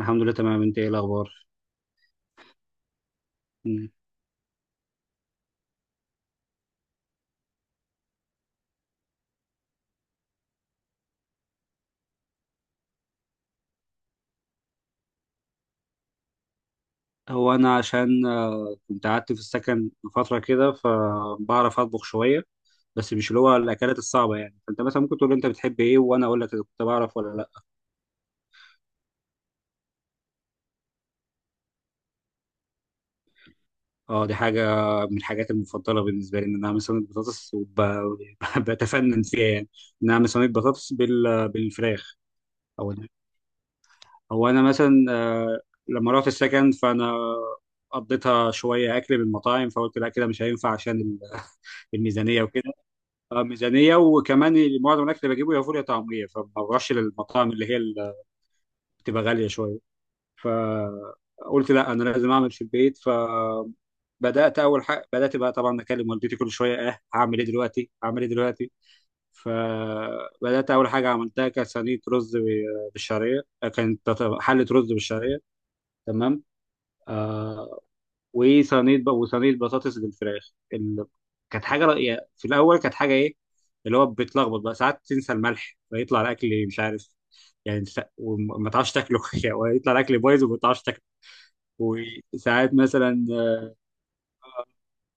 الحمد لله، تمام. انت ايه الاخبار؟ مم. هو انا عشان كنت قعدت في السكن فتره كده فبعرف اطبخ شويه، بس مش اللي هو الاكلات الصعبه يعني. فانت مثلا ممكن تقول لي انت بتحب ايه وانا اقول لك اذا كنت بعرف ولا لا. اه، دي حاجه من الحاجات المفضله بالنسبه لي، ان انا اعمل صينيه بطاطس وبتفنن فيها يعني، ان انا اعمل صينيه بطاطس بالفراخ. او انا هو انا مثلا لما رحت السكن فانا قضيتها شويه اكل من المطاعم، فقلت لا كده مش هينفع عشان الميزانيه وكده. ميزانيه، وكمان معظم الاكل اللي بجيبه يا فول يا طعميه، فما بروحش للمطاعم اللي هي اللي بتبقى غاليه شويه. فقلت لا انا لازم اعمل في البيت، فبدات. اول حاجه بدات بقى طبعا اكلم والدتي كل شويه، اه هعمل ايه دلوقتي، هعمل ايه دلوقتي. فبدات اول حاجه عملتها كانت صينيه رز بالشعريه، كانت حله رز بالشعريه، تمام. آه، وصينيه بطاطس بالفراخ كانت حاجه في الاول كانت حاجه ايه، اللي هو بتلخبط بقى، ساعات تنسى الملح فيطلع الاكل مش عارف يعني وما تعرفش تاكله يعني، ويطلع الاكل بايظ وما تعرفش تاكله. وساعات مثلا،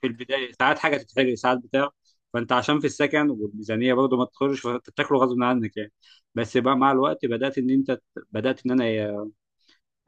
في البدايه ساعات حاجه تتحرق، ساعات بتاع. فانت عشان في السكن والميزانيه برضه ما تخرجش، فانت بتاكله غصب عنك يعني. بس بقى مع الوقت بدات ان انت، بدات ان انا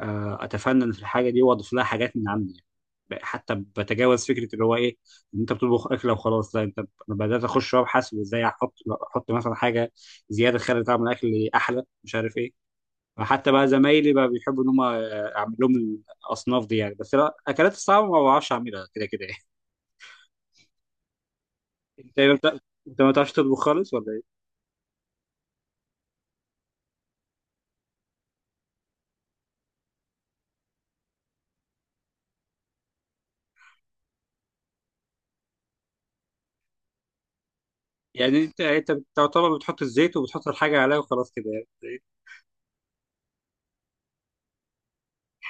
اتفنن في الحاجه دي واضيف لها حاجات من عندي يعني. حتى بتجاوز فكره اللي هو ايه، ان انت بتطبخ اكله وخلاص، لا انت، انا بدات اخش وابحث وازاي احط مثلا حاجه زياده تخلي طعم الاكل احلى، مش عارف ايه. فحتى بقى زمايلي بقى بيحبوا ان هم اعمل لهم الاصناف دي يعني، بس لا اكلات الصعبه ما بعرفش اعملها كده كده يعني. انت ما بتع- انت ما بتعرفش تطبخ خالص ولا ايه؟ يعني انت، انت بتعتبر بتحط الزيت وبتحط الحاجه عليها وخلاص كده؟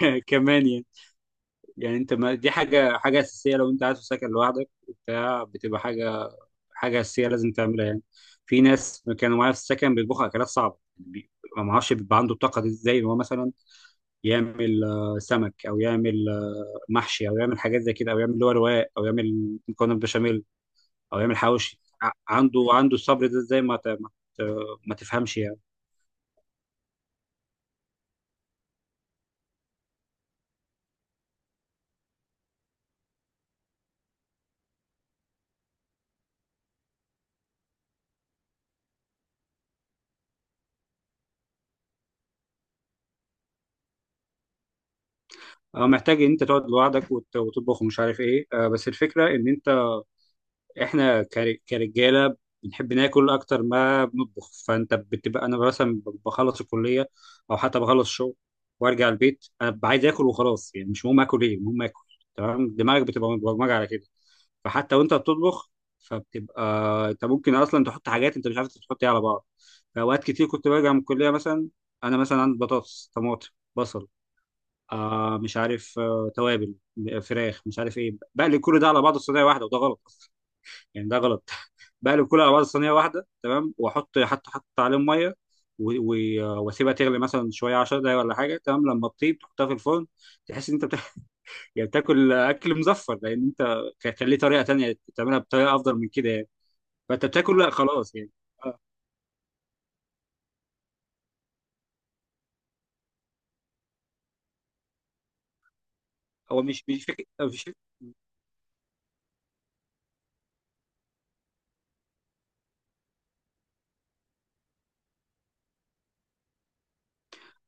يعني كمان يعني. يعني انت ما دي حاجه اساسيه، لو انت قاعد في سكن لوحدك وبتاع بتبقى حاجه، حاجه اساسيه لازم تعملها يعني. في ناس كانوا معايا في السكن بيطبخوا اكلات صعبه ما اعرفش بيبقى عنده الطاقه دي ازاي، إن هو مثلا يعمل سمك، او يعمل محشي، او يعمل حاجات زي كده، او يعمل اللي هو رواق، او يعمل مكرونه بشاميل، او يعمل حواوشي. عنده، عنده الصبر ده ازاي، ما تفهمش يعني. محتاج ان انت تقعد لوحدك وتطبخ ومش عارف ايه. بس الفكره ان انت، احنا كرجاله بنحب ناكل اكتر ما بنطبخ. فانت بتبقى، انا مثلا بخلص الكليه او حتى بخلص الشغل وارجع البيت، انا ببقى عايز اكل وخلاص. يعني مش مهم اكل ايه، المهم اكل، تمام. دماغك بتبقى مبرمجه على كده، فحتى وانت بتطبخ فبتبقى، انت ممكن اصلا تحط حاجات انت مش عارف تحط ايه على بعض. فاوقات كتير كنت برجع من الكليه مثلا، انا مثلا عندي بطاطس، طماطم، بصل، آه مش عارف، آه توابل، فراخ، مش عارف ايه، بقلب كل ده على بعضه في صينيه واحده، وده غلط يعني، ده غلط. بقلب كله على بعض صينيه واحده تمام، واحط حتى، حط عليهم ميه واسيبها تغلي مثلا شويه 10 دقايق ولا حاجه، تمام، لما تطيب تحطها في الفرن. تحس ان انت بتاكل يعني، بتاكل اكل مزفر، لان انت كان ليه طريقه تانيه تعملها بطريقه افضل من كده يعني. فانت بتاكل لا خلاص يعني. آه، هو مش مش فكره، مش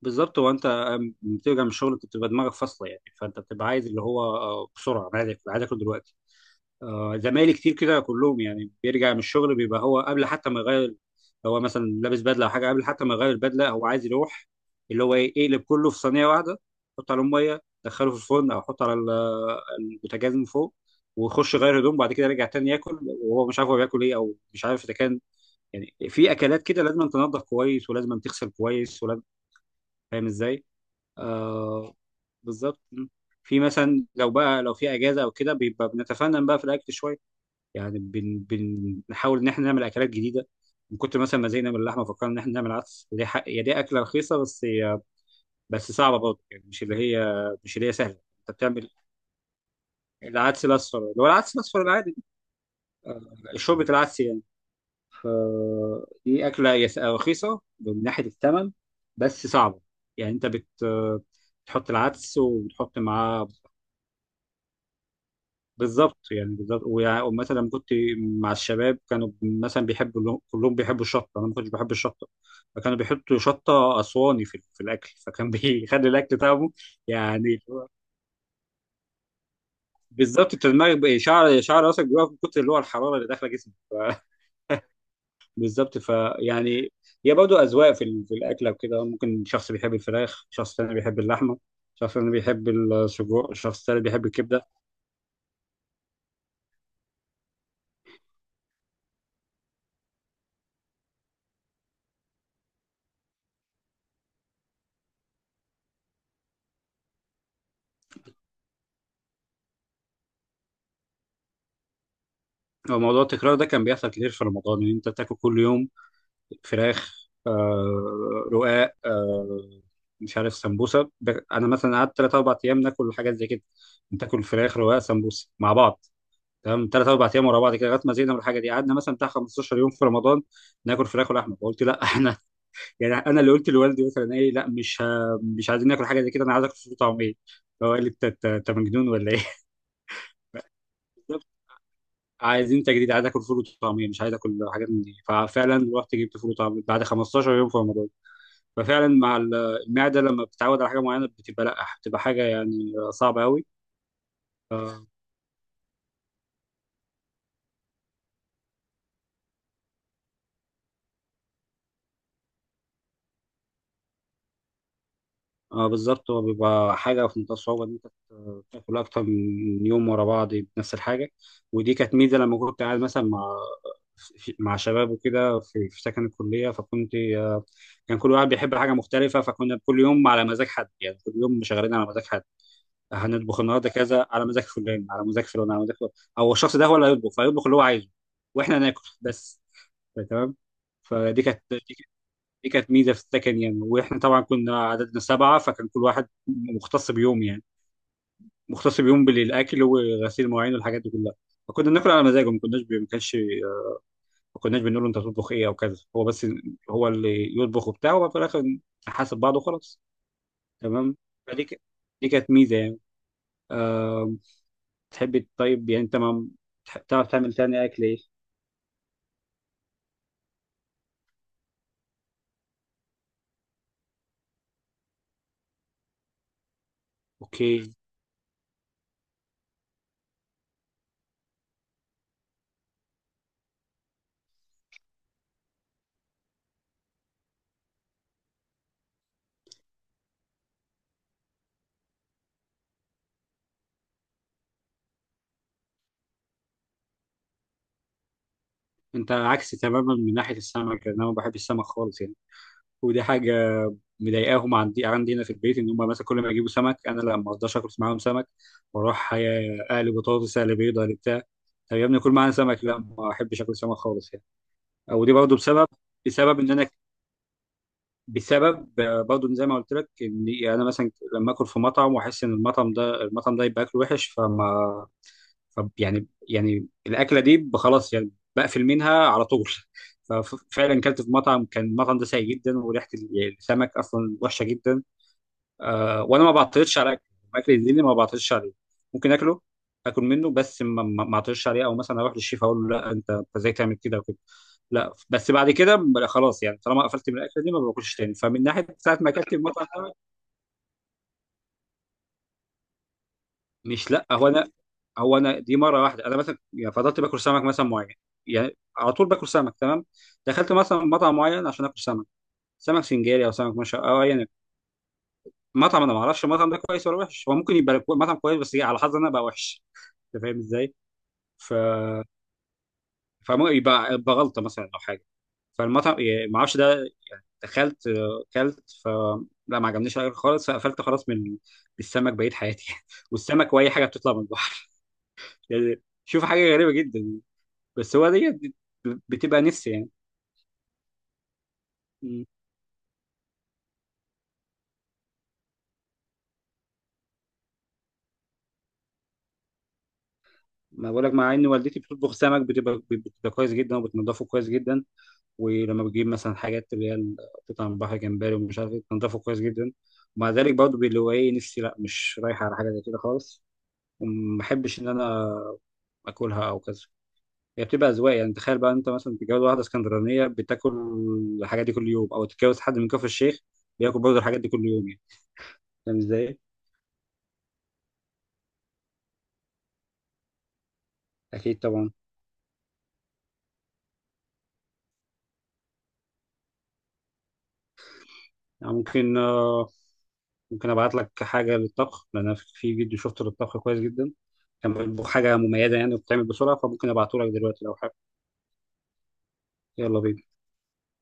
بالظبط. هو انت بترجع من الشغل بتبقى دماغك فاصله يعني، فانت بتبقى عايز اللي هو بسرعه، انا عايز اكل دلوقتي. زمايلي كتير كده، كلهم يعني بيرجع من الشغل بيبقى هو قبل حتى ما يغير، هو مثلا لابس بدله او حاجه، قبل حتى ما يغير البدله هو عايز يروح اللي هو ايه، يقلب كله في صينيه واحده، يحط عليهم ميه دخله في الفرن، او يحط على البوتاجاز من فوق، ويخش يغير هدوم، بعد كده يرجع تاني ياكل وهو مش عارف هو بياكل ايه، او مش عارف اذا كان يعني في اكلات كده لازم تنضف كويس، ولازم تغسل كويس، ولازم. فاهم ازاي؟ آه، بالظبط. في مثلا، لو بقى لو في اجازه او كده بيبقى بنتفنن بقى في الاكل شويه يعني. بنحاول ان احنا نعمل اكلات جديده. من كتر مثلا ما زهقنا من اللحمه فكرنا ان احنا نعمل عدس، دي حق هي دي اكله رخيصه، بس هي، بس صعبه برضه يعني، مش اللي هي، مش اللي هي سهله. انت بتعمل العدس الاصفر، اللي هو العدس الاصفر العادي، شوربه العدس يعني. ف- دي اكله هي رخيصه من ناحيه الثمن، بس صعبه يعني. انت بت بتحط العدس وبتحط معاه. بالظبط يعني، بالظبط. ومثلا كنت مع الشباب كانوا مثلا بيحبوا كلهم بيحبوا الشطه، انا ما كنتش بحب الشطه، فكانوا بيحطوا شطه اسواني في في الاكل، فكان بيخلي الاكل طعمه يعني، بالظبط. انت دماغك شعر راسك بيقف من كتر اللي هو الحراره اللي داخله جسمك بالظبط. هي برضه اذواق في في الاكله وكده، ممكن شخص بيحب الفراخ، شخص تاني بيحب اللحمه، شخص تاني بيحب السجق، شخص تاني بيحب الكبده. هو موضوع التكرار ده كان بيحصل كتير في رمضان، ان انت تاكل كل يوم فراخ، آه، رقاق، آه، مش عارف، سمبوسه. انا مثلا قعدت 3 4 ايام ناكل حاجات زي كده، بتاكل فراخ رقاق سمبوسه مع بعض، تمام، 3 4 ايام ورا بعض كده، لغايه ما زهقنا من الحاجه دي. قعدنا مثلا بتاع 15 يوم في رمضان ناكل فراخ ولحمه، فقلت لا احنا يعني. انا اللي قلت لوالدي مثلا ايه، لا مش مش عايزين ناكل حاجه زي كده، انا عايز اكل فول وطعميه. فهو قال لي انت، أنت مجنون ولا ايه؟ بالظبط. عايزين تجديد، عايز اكل فول وطعميه، مش عايز اكل حاجات من دي. ففعلا رحت جبت فول وطعميه بعد 15 يوم في رمضان. ففعلا مع المعدة لما بتتعود على حاجة معينة بتبقى لا، بتبقى حاجة يعني صعبة قوي. آه. بالظبط، هو بيبقى حاجة في منتهى الصعوبة إن أنت تاكل أكتر من يوم ورا بعض بنفس الحاجة. ودي كانت ميزة لما كنت قاعد مثلا مع، مع شباب وكده في في سكن الكلية، فكنت كان كل واحد بيحب حاجة مختلفة، فكنا كل يوم على مزاج حد يعني، كل يوم شغالين على مزاج حد. هنطبخ النهاردة كذا على مزاج فلان، على مزاج فلان، على مزاج فلان، أو الشخص ده هو اللي هيطبخ، فيطبخ اللي هو عايزه واحنا ناكل بس، تمام. فدي كانت دي كانت ميزه في السكن يعني. واحنا طبعا كنا عددنا 7، فكان كل واحد مختص بيوم يعني، مختص بيوم بالاكل وغسيل المواعين والحاجات دي كلها. فكنا بناكل على مزاجه، ما كناش بي- ما كانش ما كناش بنقول له انت تطبخ ايه او كذا، هو بس، هو اللي يطبخ وبتاع، وفي الاخر نحاسب بعض وخلاص، تمام. فدي ك- دي كانت ميزه يعني. أه. تحب، طيب يعني انت ما تعرف تعمل تاني اكل ايه؟ اوكي. انت عكسي تماما من ناحيه السمك يعني. انا ما بحب السمك خالص يعني. ودي حاجه مضايقاهم، عندي هنا في البيت، ان هم مثلا كل ما يجيبوا سمك انا لا ما اقدرش اكل معاهم سمك. بروح اقلي بطاطس، اقلي بيض، اقلي بتاع. طب يا ابني كل معانا سمك، لا ما احبش اكل سمك خالص يعني. او دي برضه بسبب، بسبب ان انا بسبب برضه زي ما قلت لك، ان انا مثلا لما اكل في مطعم واحس ان المطعم ده، المطعم ده يبقى اكله وحش، فما، طب يعني، يعني الاكله دي خلاص يعني، بقفل منها على طول. ففعلا كلت في مطعم كان المطعم ده سيء جدا، وريحه يعني السمك اصلا وحشه جدا. آه، وانا ما بعترضش على اكل، اكل الدين ما بعترضش عليه، ممكن اكله، اكل منه، بس ما اعترضش عليه، او مثلا اروح للشيف اقول له لا انت، انت ازاي تعمل كده وكده، لا. بس بعد كده خلاص يعني، طالما قفلت من الاكله دي ما باكلش تاني. فمن ناحيه ساعه ما اكلت في المطعم ده، مش لا هو انا هو انا دي مره واحده. انا مثلا يعني فضلت باكل سمك مثلا معين يعني، على طول باكل سمك، تمام. دخلت مثلا مطعم معين عشان اكل سمك، سمك سنجاري او سمك مشا او ايا يكن، مطعم انا ما اعرفش المطعم ده كويس ولا وحش، هو ممكن يبقى مطعم كويس، بس إيه، على حظي انا بقى وحش. انت فاهم ازاي؟ ف فممكن يبقى بغلطه مثلا او حاجه. فالمطعم يعني ما اعرفش ده، دخلت كلت، ف، لا ما عجبنيش الأكل خالص، فقفلت خلاص من السمك بقيت حياتي والسمك واي حاجه بتطلع من البحر يعني، شوف حاجه غريبه جدا، بس هو ديت بتبقى نفسي يعني. مم. ما بقولك، مع ان والدتي بتطبخ سمك بتبقى، بتبقى كويس جدا وبتنضفه كويس جدا. ولما بتجيب مثلا حاجات اللي هي قطع من البحر، جمبري ومش عارف ايه، بتنضفه كويس جدا، ومع ذلك برضه اللي هو ايه، نفسي لا مش رايحه على حاجه زي كده خالص، وما بحبش ان انا اكلها او كذا. هي بتبقى اذواق يعني، تخيل بقى انت مثلا تتجوز واحده اسكندرانيه بتاكل الحاجات دي كل يوم، او تتجوز حد من كفر الشيخ بياكل برضه الحاجات دي كل يوم يعني. فاهم ازاي؟ اكيد طبعا. يعني ممكن ممكن ابعت لك حاجه للطبخ، لان انا في فيديو شفته للطبخ كويس جدا، كان بيطبخ حاجه مميزه يعني بتتعمل بسرعه، فممكن ابعته لك دلوقتي لو حابب. يلا بينا.